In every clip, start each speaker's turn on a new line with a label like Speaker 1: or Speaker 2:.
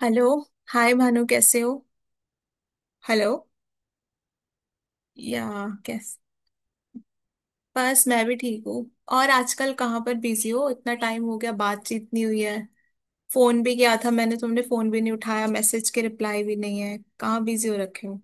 Speaker 1: Hello. Hi Bhanu, कैसे हो? Hello. या। कैसे? बस मैं भी ठीक हूँ। और आजकल कहाँ पर बिजी हो, इतना टाइम हो गया बातचीत नहीं हुई है। फोन भी किया था मैंने, तुमने फोन भी नहीं उठाया, मैसेज के रिप्लाई भी नहीं है, कहाँ बिजी हो रखे हो?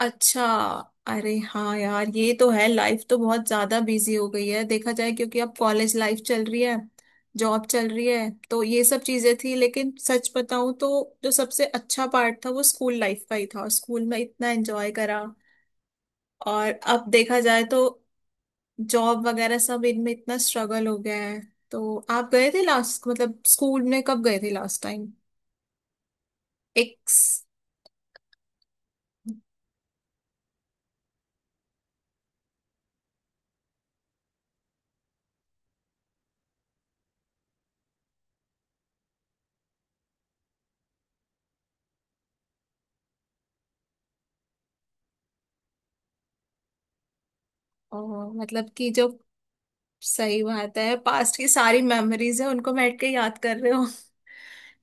Speaker 1: अच्छा। अरे हाँ यार, ये तो है, लाइफ तो बहुत ज्यादा बिजी हो गई है, देखा जाए, क्योंकि अब कॉलेज लाइफ चल रही है, जॉब चल रही है, तो ये सब चीजें थी, लेकिन सच बताऊं तो जो सबसे अच्छा पार्ट था वो स्कूल लाइफ का ही था, स्कूल में इतना एंजॉय करा। और अब देखा जाए तो जॉब वगैरह सब इनमें इतना स्ट्रगल हो गया है। तो आप गए थे लास्ट, मतलब स्कूल में कब गए थे लास्ट टाइम? एक स- मतलब कि जो सही बात है, पास्ट की सारी मेमोरीज है, उनको बैठ के याद कर रहे हो।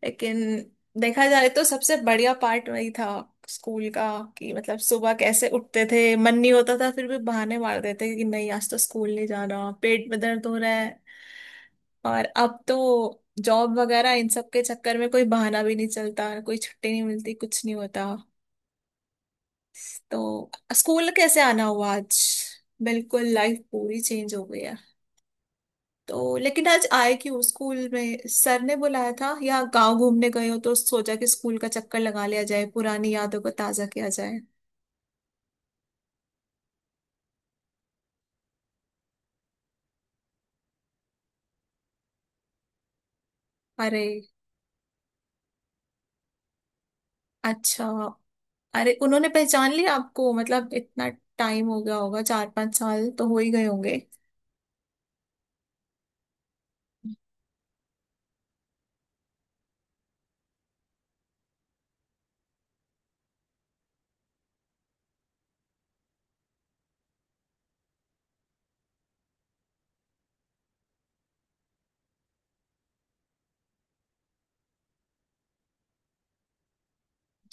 Speaker 1: लेकिन देखा जाए तो सबसे बढ़िया पार्ट वही था, स्कूल का। कि मतलब सुबह कैसे उठते थे, मन नहीं होता था, फिर भी बहाने मार देते कि नहीं आज तो स्कूल नहीं जाना, पेट में दर्द हो रहा है। और अब तो जॉब वगैरह इन सब के चक्कर में कोई बहाना भी नहीं चलता, कोई छुट्टी नहीं मिलती, कुछ नहीं होता। तो स्कूल कैसे आना हुआ आज? बिल्कुल, लाइफ पूरी चेंज हो गई है। तो लेकिन आज आए क्यों, स्कूल में सर ने बुलाया था या गांव घूमने गए हो तो सोचा कि स्कूल का चक्कर लगा लिया जाए, पुरानी यादों को ताजा किया जाए? अरे, अच्छा। अरे, उन्होंने पहचान लिया आपको, मतलब इतना टाइम हो गया होगा, 4-5 साल तो हो ही गए होंगे।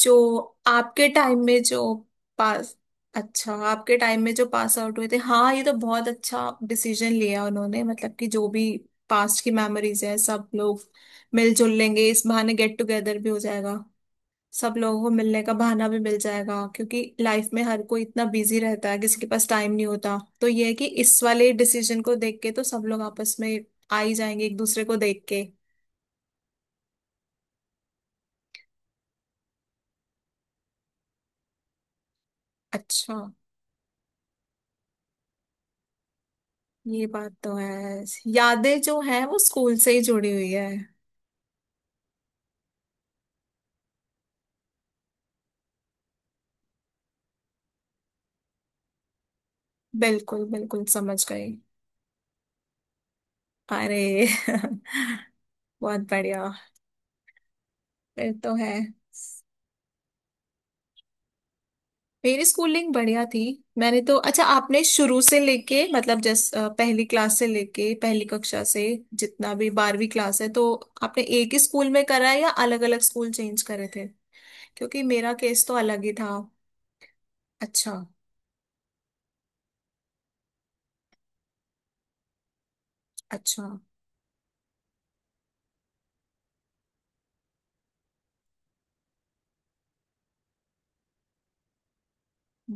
Speaker 1: जो आपके टाइम में जो पास, अच्छा, आपके टाइम में जो पास आउट हुए थे, हाँ, ये तो बहुत अच्छा डिसीजन लिया उन्होंने, मतलब कि जो भी पास्ट की मेमोरीज है, सब लोग मिलजुल लेंगे, इस बहाने गेट टुगेदर भी हो जाएगा। सब लोगों को मिलने का बहाना भी मिल जाएगा, क्योंकि लाइफ में हर कोई इतना बिजी रहता है, किसी के पास टाइम नहीं होता, तो ये है कि इस वाले डिसीजन को देख के तो सब लोग आपस में आ ही जाएंगे एक दूसरे को देख के। अच्छा। ये बात तो है। यादें जो है वो स्कूल से ही जुड़ी हुई है। बिल्कुल बिल्कुल, समझ गई। अरे बहुत बढ़िया। फिर तो है। मेरी स्कूलिंग बढ़िया थी। मैंने तो, अच्छा, आपने शुरू से लेके मतलब पहली क्लास से लेके पहली कक्षा से जितना भी 12वीं क्लास है, तो आपने एक ही स्कूल में करा है या अलग अलग स्कूल चेंज करे थे? क्योंकि मेरा केस तो अलग ही था। अच्छा। अच्छा।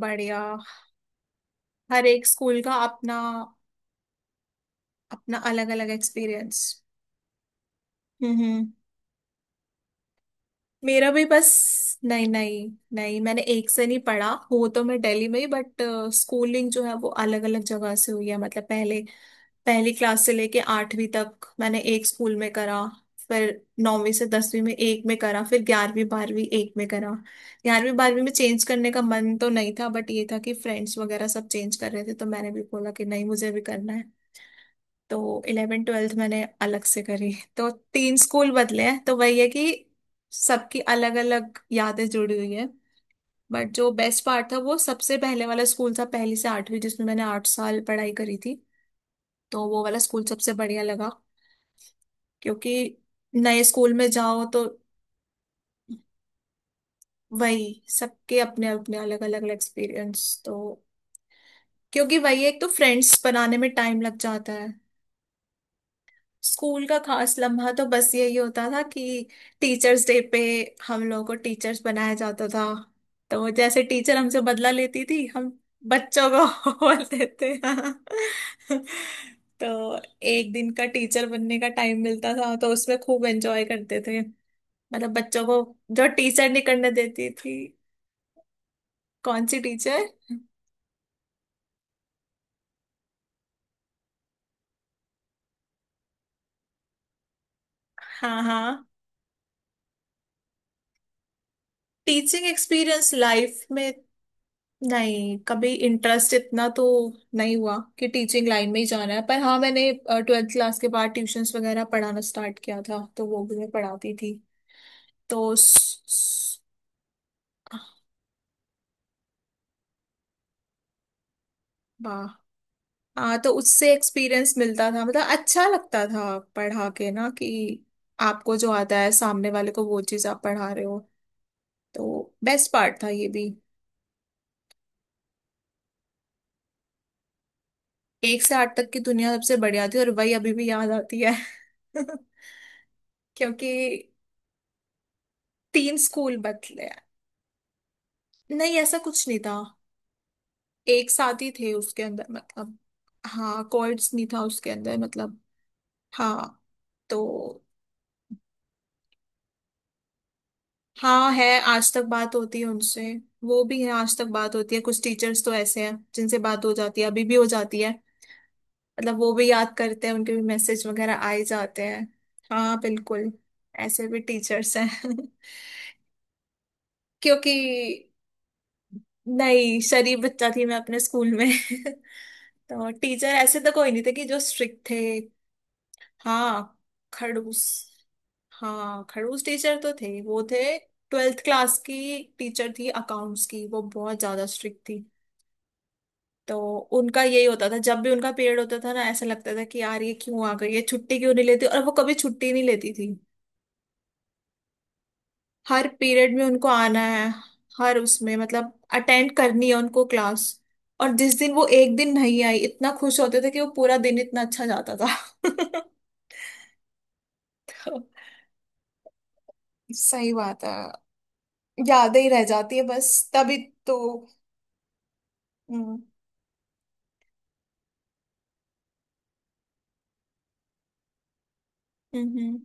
Speaker 1: बढ़िया। हर एक स्कूल का अपना अपना अलग अलग एक्सपीरियंस। हम्म। मेरा भी बस। नहीं नहीं नहीं, मैंने एक से नहीं पढ़ा, हो तो मैं दिल्ली में ही, बट स्कूलिंग जो है वो अलग अलग जगह से हुई है, मतलब पहले पहली क्लास से लेके 8वीं तक मैंने एक स्कूल में करा। फिर नौवीं से 10वीं में एक में करा, फिर 11वीं 12वीं एक में करा। 11वीं 12वीं में चेंज करने का मन तो नहीं था, बट ये था कि फ्रेंड्स वगैरह सब चेंज कर रहे थे, तो मैंने भी बोला कि नहीं मुझे भी करना है। तो इलेवेंथ ट्वेल्थ मैंने अलग से करी। तो तीन स्कूल बदले हैं, तो वही है कि सबकी अलग अलग यादें जुड़ी हुई है। बट जो बेस्ट पार्ट था वो सबसे पहले वाला स्कूल था, पहली से 8वीं जिसमें मैंने 8 साल पढ़ाई करी थी। तो वो वाला स्कूल सबसे बढ़िया लगा। क्योंकि नए स्कूल में जाओ तो वही, सबके अपने अपने अलग अलग एक्सपीरियंस तो। क्योंकि वही, एक तो फ्रेंड्स बनाने में टाइम लग जाता है। स्कूल का खास लम्हा तो बस यही होता था कि टीचर्स डे पे हम लोगों को टीचर्स बनाया जाता था। तो वो जैसे टीचर हमसे बदला लेती थी, हम बच्चों को बोल देते हाँ। तो एक दिन का टीचर बनने का टाइम मिलता था, तो उसमें खूब एंजॉय करते थे, मतलब बच्चों को जो टीचर नहीं करने देती थी। कौन सी टीचर। हाँ हाँ। टीचिंग एक्सपीरियंस लाइफ में। नहीं कभी इंटरेस्ट इतना तो नहीं हुआ कि टीचिंग लाइन में ही जाना है, पर हाँ मैंने ट्वेल्थ क्लास के बाद ट्यूशंस वगैरह पढ़ाना स्टार्ट किया था, तो वो भी मैं पढ़ाती थी। तो वाह हाँ, तो उससे एक्सपीरियंस मिलता था, मतलब अच्छा लगता था पढ़ा के, ना कि आपको जो आता है सामने वाले को वो चीज़ आप पढ़ा रहे हो। तो बेस्ट पार्ट था ये भी। 1 से 8 तक की दुनिया सबसे बढ़िया थी, और वही अभी भी याद आती है। क्योंकि तीन स्कूल बदले। नहीं ऐसा कुछ नहीं था, एक साथ ही थे उसके अंदर मतलब। हाँ कॉर्ड्स नहीं था उसके अंदर मतलब। हाँ। तो हाँ है, आज तक बात होती है उनसे। वो भी है, आज तक बात होती है, कुछ टीचर्स तो ऐसे हैं जिनसे बात हो जाती है अभी भी हो जाती है, मतलब वो भी याद करते हैं, उनके भी मैसेज वगैरह आए जाते हैं। हाँ बिल्कुल। ऐसे भी टीचर्स हैं। क्योंकि नहीं, शरीफ बच्चा थी मैं अपने स्कूल में। तो टीचर ऐसे तो कोई नहीं थे कि जो स्ट्रिक्ट थे। हाँ खड़ूस। हाँ खड़ूस टीचर तो थे वो थे। ट्वेल्थ क्लास की टीचर थी अकाउंट्स की, वो बहुत ज्यादा स्ट्रिक्ट थी। तो उनका यही होता था, जब भी उनका पीरियड होता था ना, ऐसा लगता था कि यार ये क्यों आ गई है, छुट्टी क्यों नहीं लेती, और वो कभी छुट्टी नहीं लेती थी। हर पीरियड में उनको आना है, हर उसमें मतलब अटेंड करनी है उनको क्लास। और जिस दिन वो एक दिन नहीं आई, इतना खुश होते थे कि वो पूरा दिन इतना अच्छा जाता था। सही बात है। यादें ही रह जाती है बस तभी तो। हम्म, हम्म।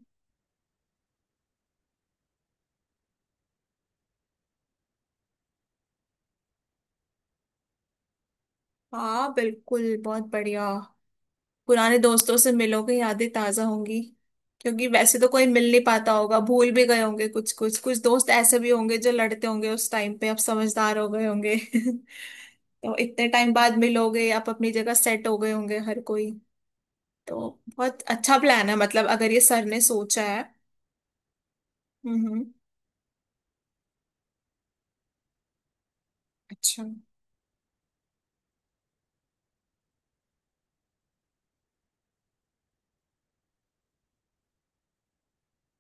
Speaker 1: हाँ बिल्कुल, बहुत बढ़िया। पुराने दोस्तों से मिलोगे, यादें ताजा होंगी, क्योंकि वैसे तो कोई मिल नहीं पाता होगा, भूल भी गए होंगे, कुछ कुछ कुछ दोस्त ऐसे भी होंगे जो लड़ते होंगे उस टाइम पे, अब समझदार हो गए होंगे, तो इतने टाइम बाद मिलोगे आप, अपनी जगह सेट हो गए होंगे हर कोई। तो बहुत अच्छा प्लान है, मतलब अगर ये सर ने सोचा है। हम्म। अच्छा।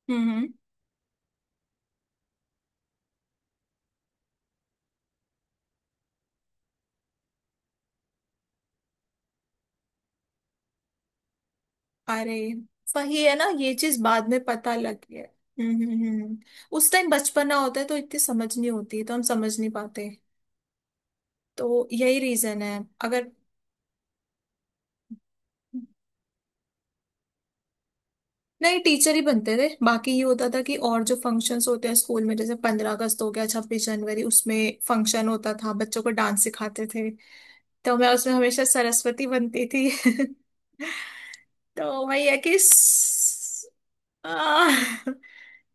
Speaker 1: हम्म। अरे, वही है ना, ये चीज बाद में पता लगी है। हम्म। उस टाइम बचपना होता है, तो इतनी समझ नहीं होती, तो हम समझ नहीं पाते। तो यही रीजन है, अगर। नहीं, टीचर ही बनते थे, बाकी ये होता था कि और जो फंक्शंस होते हैं स्कूल में, जैसे 15 अगस्त हो गया, 26 जनवरी, उसमें फंक्शन होता था, बच्चों को डांस सिखाते थे। तो मैं उसमें हमेशा सरस्वती बनती थी। तो वही है कि आह,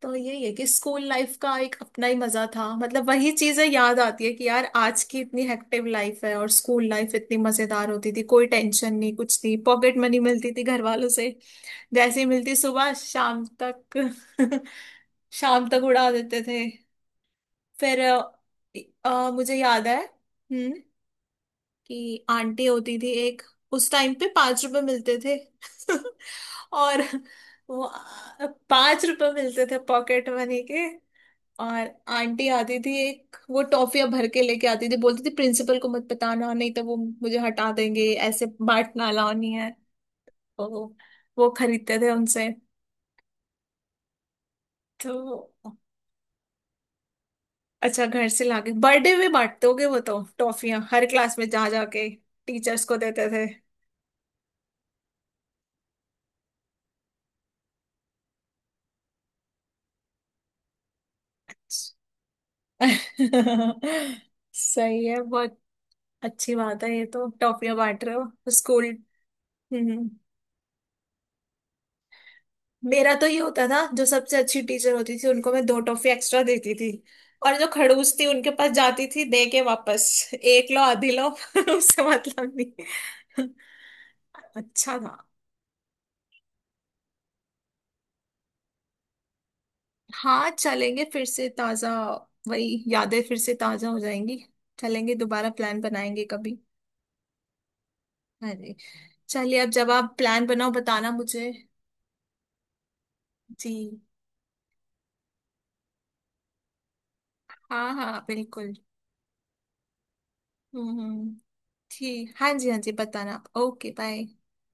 Speaker 1: तो यही है कि स्कूल लाइफ का एक अपना ही मजा था, मतलब वही चीजें याद आती है कि यार आज की इतनी हेक्टिव लाइफ है, और स्कूल लाइफ इतनी मजेदार होती थी, कोई टेंशन नहीं, कुछ नहीं, पॉकेट मनी मिलती थी घर वालों से, जैसे ही मिलती सुबह शाम तक। शाम तक उड़ा देते थे। फिर मुझे याद है, कि आंटी होती थी एक। उस टाइम पे 5 रुपए मिलते थे। और वो 5 रुपए मिलते थे पॉकेट मनी के। और आंटी आती थी एक, वो टॉफियां भर के लेके आती थी, बोलती थी प्रिंसिपल को मत बताना नहीं तो वो मुझे हटा देंगे, ऐसे बांटना अलाउ नहीं है। तो वो खरीदते थे उनसे। तो अच्छा, घर से लाके बर्थडे में बांटते होगे वो तो, टॉफियां हर क्लास में जा जाके टीचर्स को देते थे। सही है, बहुत अच्छी बात है ये तो, टॉफियां बांट रहे हो स्कूल। हम्म। मेरा तो ये होता था, जो सबसे अच्छी टीचर होती थी उनको मैं दो टॉफी एक्स्ट्रा देती थी, और जो खड़ूस थी उनके पास जाती थी दे के वापस, एक लो आधी लो। उससे मतलब नहीं। अच्छा था। हाँ चलेंगे, फिर से ताजा, वही यादें फिर से ताजा हो जाएंगी। चलेंगे दोबारा, प्लान बनाएंगे कभी। अरे चलिए, अब जब आप प्लान बनाओ बताना मुझे। जी हाँ, हाँ बिल्कुल। हम्म हम्म, ठीक, हाँ जी हाँ जी, बताना आप। Okay bye.